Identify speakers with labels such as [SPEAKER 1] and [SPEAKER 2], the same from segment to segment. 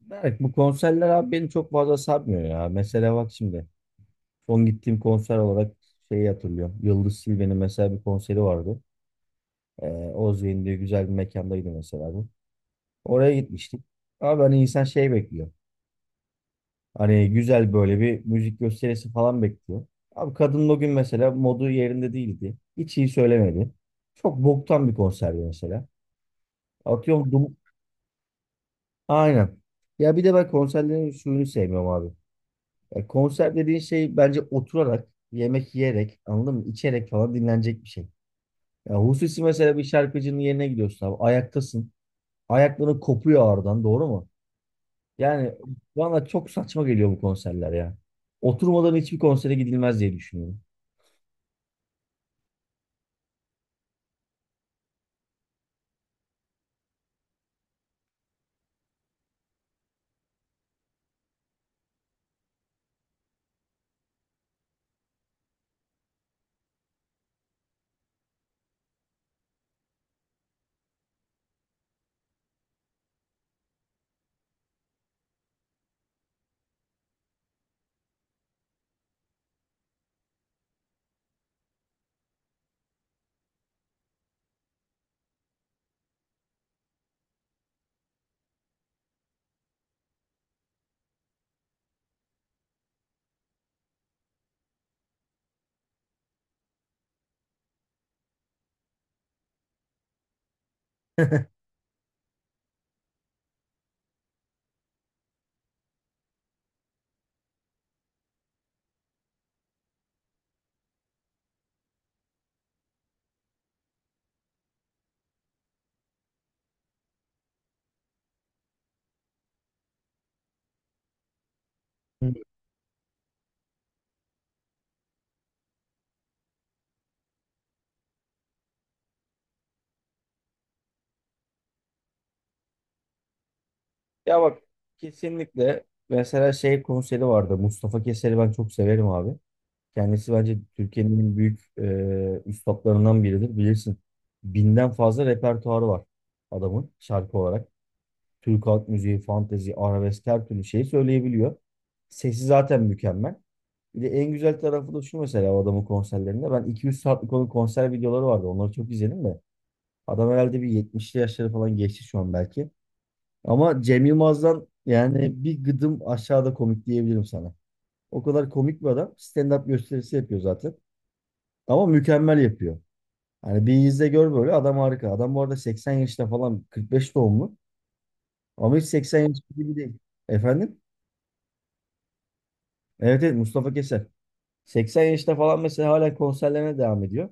[SPEAKER 1] Berk, bu konserler abi beni çok fazla sarmıyor ya. Mesela bak şimdi son gittiğim konser olarak şeyi hatırlıyorum. Yıldız Silve'nin mesela bir konseri vardı. Ee, Ozveyin diye güzel bir mekandaydı mesela bu. Oraya gitmiştik. Abi hani insan şey bekliyor. Hani güzel böyle bir müzik gösterisi falan bekliyor. Abi kadın o gün mesela modu yerinde değildi. Hiç iyi söylemedi. Çok boktan bir konserdi mesela. Atıyorum dum... Aynen. Ya bir de ben konserlerin suyunu sevmiyorum abi. Ya konser dediğin şey bence oturarak, yemek yiyerek, anladın mı? İçerek falan dinlenecek bir şey. Ya hususi mesela bir şarkıcının yerine gidiyorsun abi. Ayaktasın. Ayakların kopuyor ağrıdan, doğru mu? Yani bana çok saçma geliyor bu konserler ya. Oturmadan hiçbir konsere gidilmez diye düşünüyorum. Hı. Ya bak kesinlikle mesela şey konseri vardı. Mustafa Keser'i ben çok severim abi. Kendisi bence Türkiye'nin en büyük üstadlarından biridir. Bilirsin. Binden fazla repertuarı var adamın şarkı olarak. Türk halk müziği, fantezi, arabesk her türlü şeyi söyleyebiliyor. Sesi zaten mükemmel. Bir de en güzel tarafı da şu mesela o adamın konserlerinde. Ben 200 saatlik onun konser videoları vardı. Onları çok izledim de. Adam herhalde bir 70'li yaşları falan geçti şu an belki. Ama Cem Yılmaz'dan yani bir gıdım aşağıda komik diyebilirim sana. O kadar komik bir adam. Stand-up gösterisi yapıyor zaten. Ama mükemmel yapıyor. Hani bir izle gör böyle adam harika. Adam bu arada 80 yaşında falan 45 doğumlu. Ama hiç 80 yaşında gibi değil. Efendim? Evet evet Mustafa Keser. 80 yaşında falan mesela hala konserlerine devam ediyor.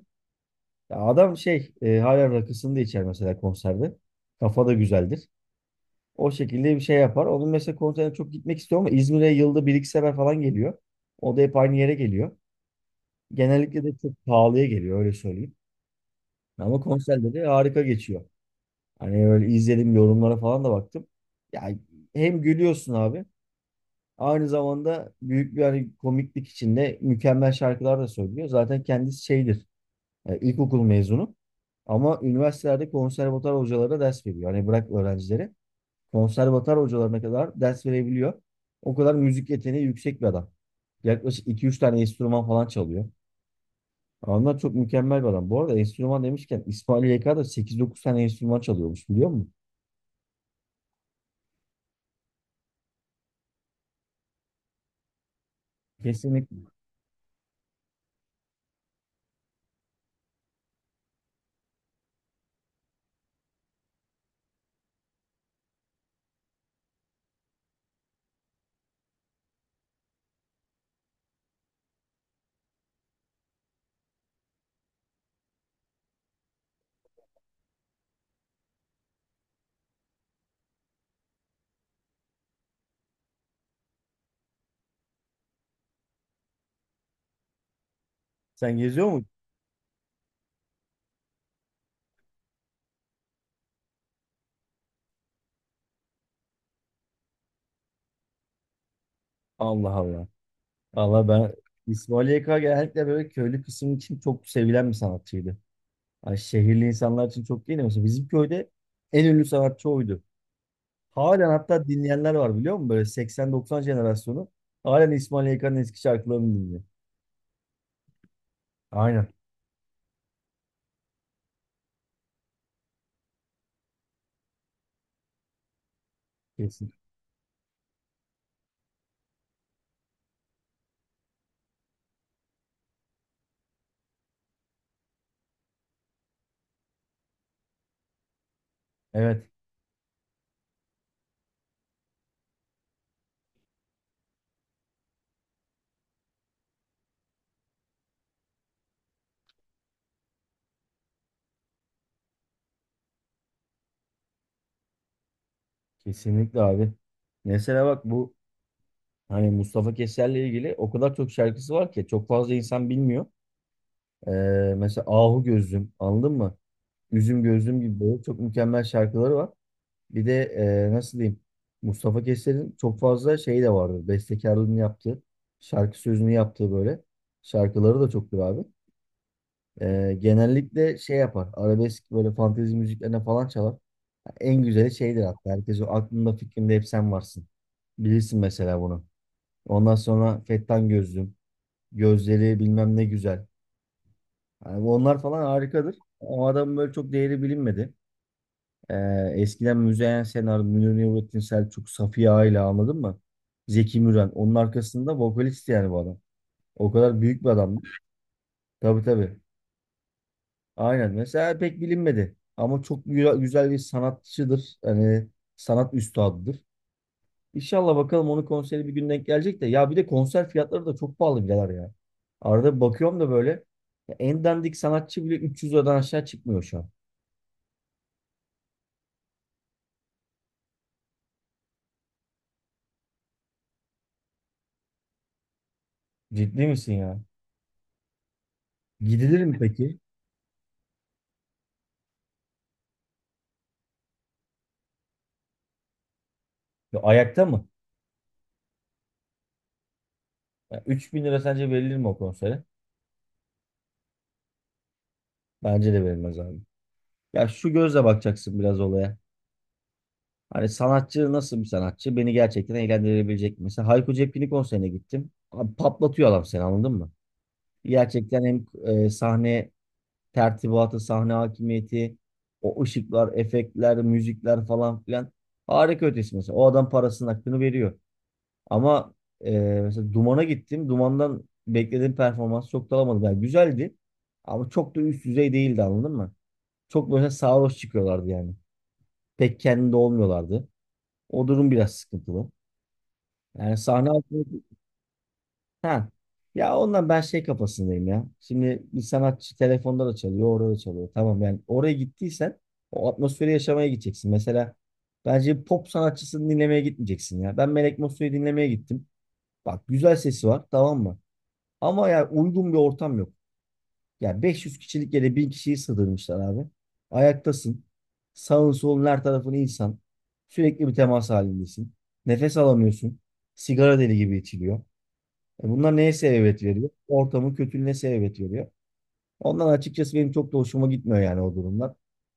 [SPEAKER 1] Ya adam şey hala rakısını da içer mesela konserde. Kafa da güzeldir. O şekilde bir şey yapar. Onun mesela konserine çok gitmek istiyor ama İzmir'e yılda bir iki sefer falan geliyor. O da hep aynı yere geliyor. Genellikle de çok pahalıya geliyor öyle söyleyeyim. Ama konserleri harika geçiyor. Hani öyle izledim yorumlara falan da baktım. Ya hem gülüyorsun abi. Aynı zamanda büyük bir hani komiklik içinde mükemmel şarkılar da söylüyor. Zaten kendisi şeydir. E, ilkokul mezunu. Ama üniversitelerde konservatuar hocalara ders veriyor. Hani bırak öğrencileri. Konservatuar hocalarına kadar ders verebiliyor. O kadar müzik yeteneği yüksek bir adam. Yaklaşık iki üç tane enstrüman falan çalıyor. Onlar çok mükemmel bir adam. Bu arada enstrüman demişken İsmail YK da sekiz dokuz tane enstrüman çalıyormuş biliyor musun? Sen geziyor musun? Allah Allah. Allah ben İsmail YK genellikle böyle köylü kısım için çok sevilen bir sanatçıydı. Hani şehirli insanlar için çok değil de mesela bizim köyde en ünlü sanatçı oydu. Halen hatta dinleyenler var biliyor musun? Böyle 80-90 jenerasyonu halen İsmail YK'nın eski şarkılarını dinliyor. Aynen. Kesin. Evet. Kesinlikle abi. Mesela bak bu hani Mustafa Keser'le ilgili o kadar çok şarkısı var ki çok fazla insan bilmiyor. Ee, mesela Ahu Gözlüm anladın mı? Üzüm Gözlüm gibi böyle çok mükemmel şarkıları var. Bir de nasıl diyeyim Mustafa Keser'in çok fazla şeyi de vardı. Bestekarlığını yaptığı, şarkı sözünü yaptığı böyle. Şarkıları da çoktur abi. E, genellikle şey yapar. Arabesk böyle fantezi müziklerine falan çalar. En güzeli şeydir hatta. Herkes o aklında fikrinde hep sen varsın. Bilirsin mesela bunu. Ondan sonra Fettan Gözlüm. Gözleri bilmem ne güzel. Yani onlar falan harikadır. O adam böyle çok değeri bilinmedi. Eskiden Müzeyyen Senar, Münir Nurettin Selçuk, Safiye Ayla anladın mı? Zeki Müren. Onun arkasında vokalist yani bu adam. O kadar büyük bir adamdı. Tabii tabii. Aynen. Mesela pek bilinmedi. Ama çok güzel, güzel bir sanatçıdır. Hani sanat üstadıdır. İnşallah bakalım onun konseri bir gün denk gelecek de. Ya bir de konser fiyatları da çok pahalı birader ya. Arada bakıyorum da böyle. Ya en dandik sanatçı bile 300 liradan aşağı çıkmıyor şu an. Ciddi misin ya? Gidilir mi peki? Ya ayakta mı? Ya 3.000 lira sence verilir mi o konsere? Bence de verilmez abi. Ya şu gözle bakacaksın biraz olaya. Hani sanatçı nasıl bir sanatçı? Beni gerçekten eğlendirebilecek mi? Mesela Hayko Cepkin'in konserine gittim. Abi patlatıyor adam seni anladın mı? Gerçekten hem sahne tertibatı, sahne hakimiyeti, o ışıklar, efektler, müzikler falan filan harika ötesi mesela. O adam parasının hakkını veriyor. Ama mesela Duman'a gittim. Duman'dan beklediğim performans çok da alamadım. Yani güzeldi ama çok da üst düzey değildi anladın mı? Çok böyle sarhoş çıkıyorlardı yani. Pek kendinde olmuyorlardı. O durum biraz sıkıntılı. Yani sahne altında... Ha. Ya ondan ben şey kafasındayım ya. Şimdi bir sanatçı telefonda da çalıyor, orada da çalıyor. Tamam yani oraya gittiysen o atmosferi yaşamaya gideceksin. Mesela bence pop sanatçısını dinlemeye gitmeyeceksin ya. Ben Melek Mosso'yu dinlemeye gittim. Bak güzel sesi var tamam mı? Ama yani uygun bir ortam yok. Yani 500 kişilik yere 1.000 kişiyi sığdırmışlar abi. Ayaktasın. Sağın solun her tarafın insan. Sürekli bir temas halindesin. Nefes alamıyorsun. Sigara deli gibi içiliyor. E bunlar neye sebebiyet veriyor? Ortamın kötülüğüne sebebiyet veriyor. Ondan açıkçası benim çok da hoşuma gitmiyor yani o durumlar.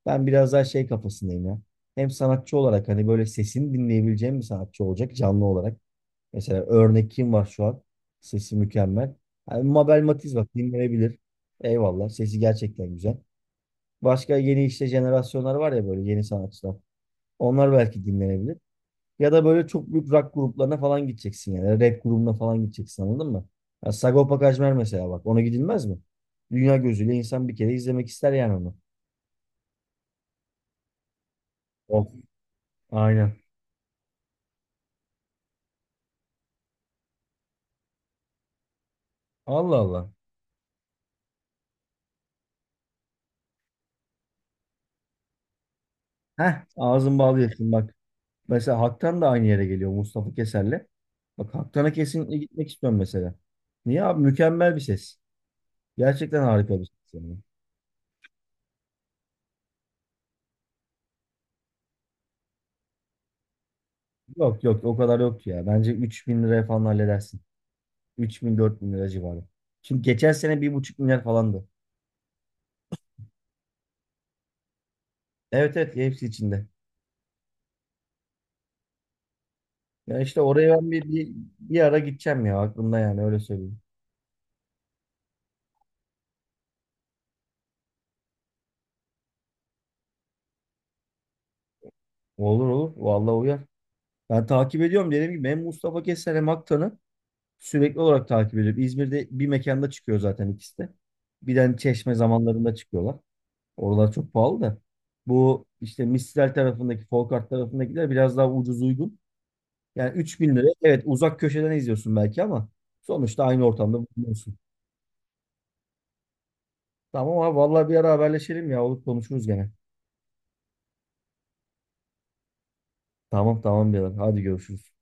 [SPEAKER 1] Ben biraz daha şey kafasındayım ya. Hem sanatçı olarak hani böyle sesini dinleyebileceğim bir sanatçı olacak canlı olarak. Mesela örnek kim var şu an? Sesi mükemmel. Yani Mabel Matiz bak dinlenebilir. Eyvallah. Sesi gerçekten güzel. Başka yeni işte jenerasyonlar var ya böyle yeni sanatçılar. Onlar belki dinlenebilir. Ya da böyle çok büyük rock gruplarına falan gideceksin yani. Rap grubuna falan gideceksin anladın mı? Ya Sagopa Kajmer mesela bak. Ona gidilmez mi? Dünya gözüyle insan bir kere izlemek ister yani onu. Of. Aynen. Allah Allah. Heh ağzın bağlı yaşın bak. Mesela Haktan da aynı yere geliyor Mustafa Keser'le. Bak Haktan'a kesinlikle gitmek istiyorum mesela. Niye abi? Mükemmel bir ses. Gerçekten harika bir ses yani. Yok yok o kadar yoktu ya. Bence 3000 liraya falan halledersin. 3.000 bin lira civarı. Şimdi geçen sene 1,5 milyar falandı. Evet evet hepsi içinde. Ya işte oraya ben bir ara gideceğim ya aklımda yani öyle söyleyeyim. Olur olur. Vallahi uyar. Ben takip ediyorum dediğim gibi hem Mustafa Keser hem Haktan'ı. Sürekli olarak takip ediyorum. İzmir'de bir mekanda çıkıyor zaten ikisi de. Bir de hani Çeşme zamanlarında çıkıyorlar. Oralar çok pahalı da. Bu işte Mistral tarafındaki, Folkart tarafındakiler biraz daha ucuz uygun. Yani üç bin lira. Evet uzak köşeden izliyorsun belki ama sonuçta aynı ortamda bulunuyorsun. Tamam abi vallahi bir ara haberleşelim ya. Olur konuşuruz gene. Tamam tamam birader. Hadi görüşürüz.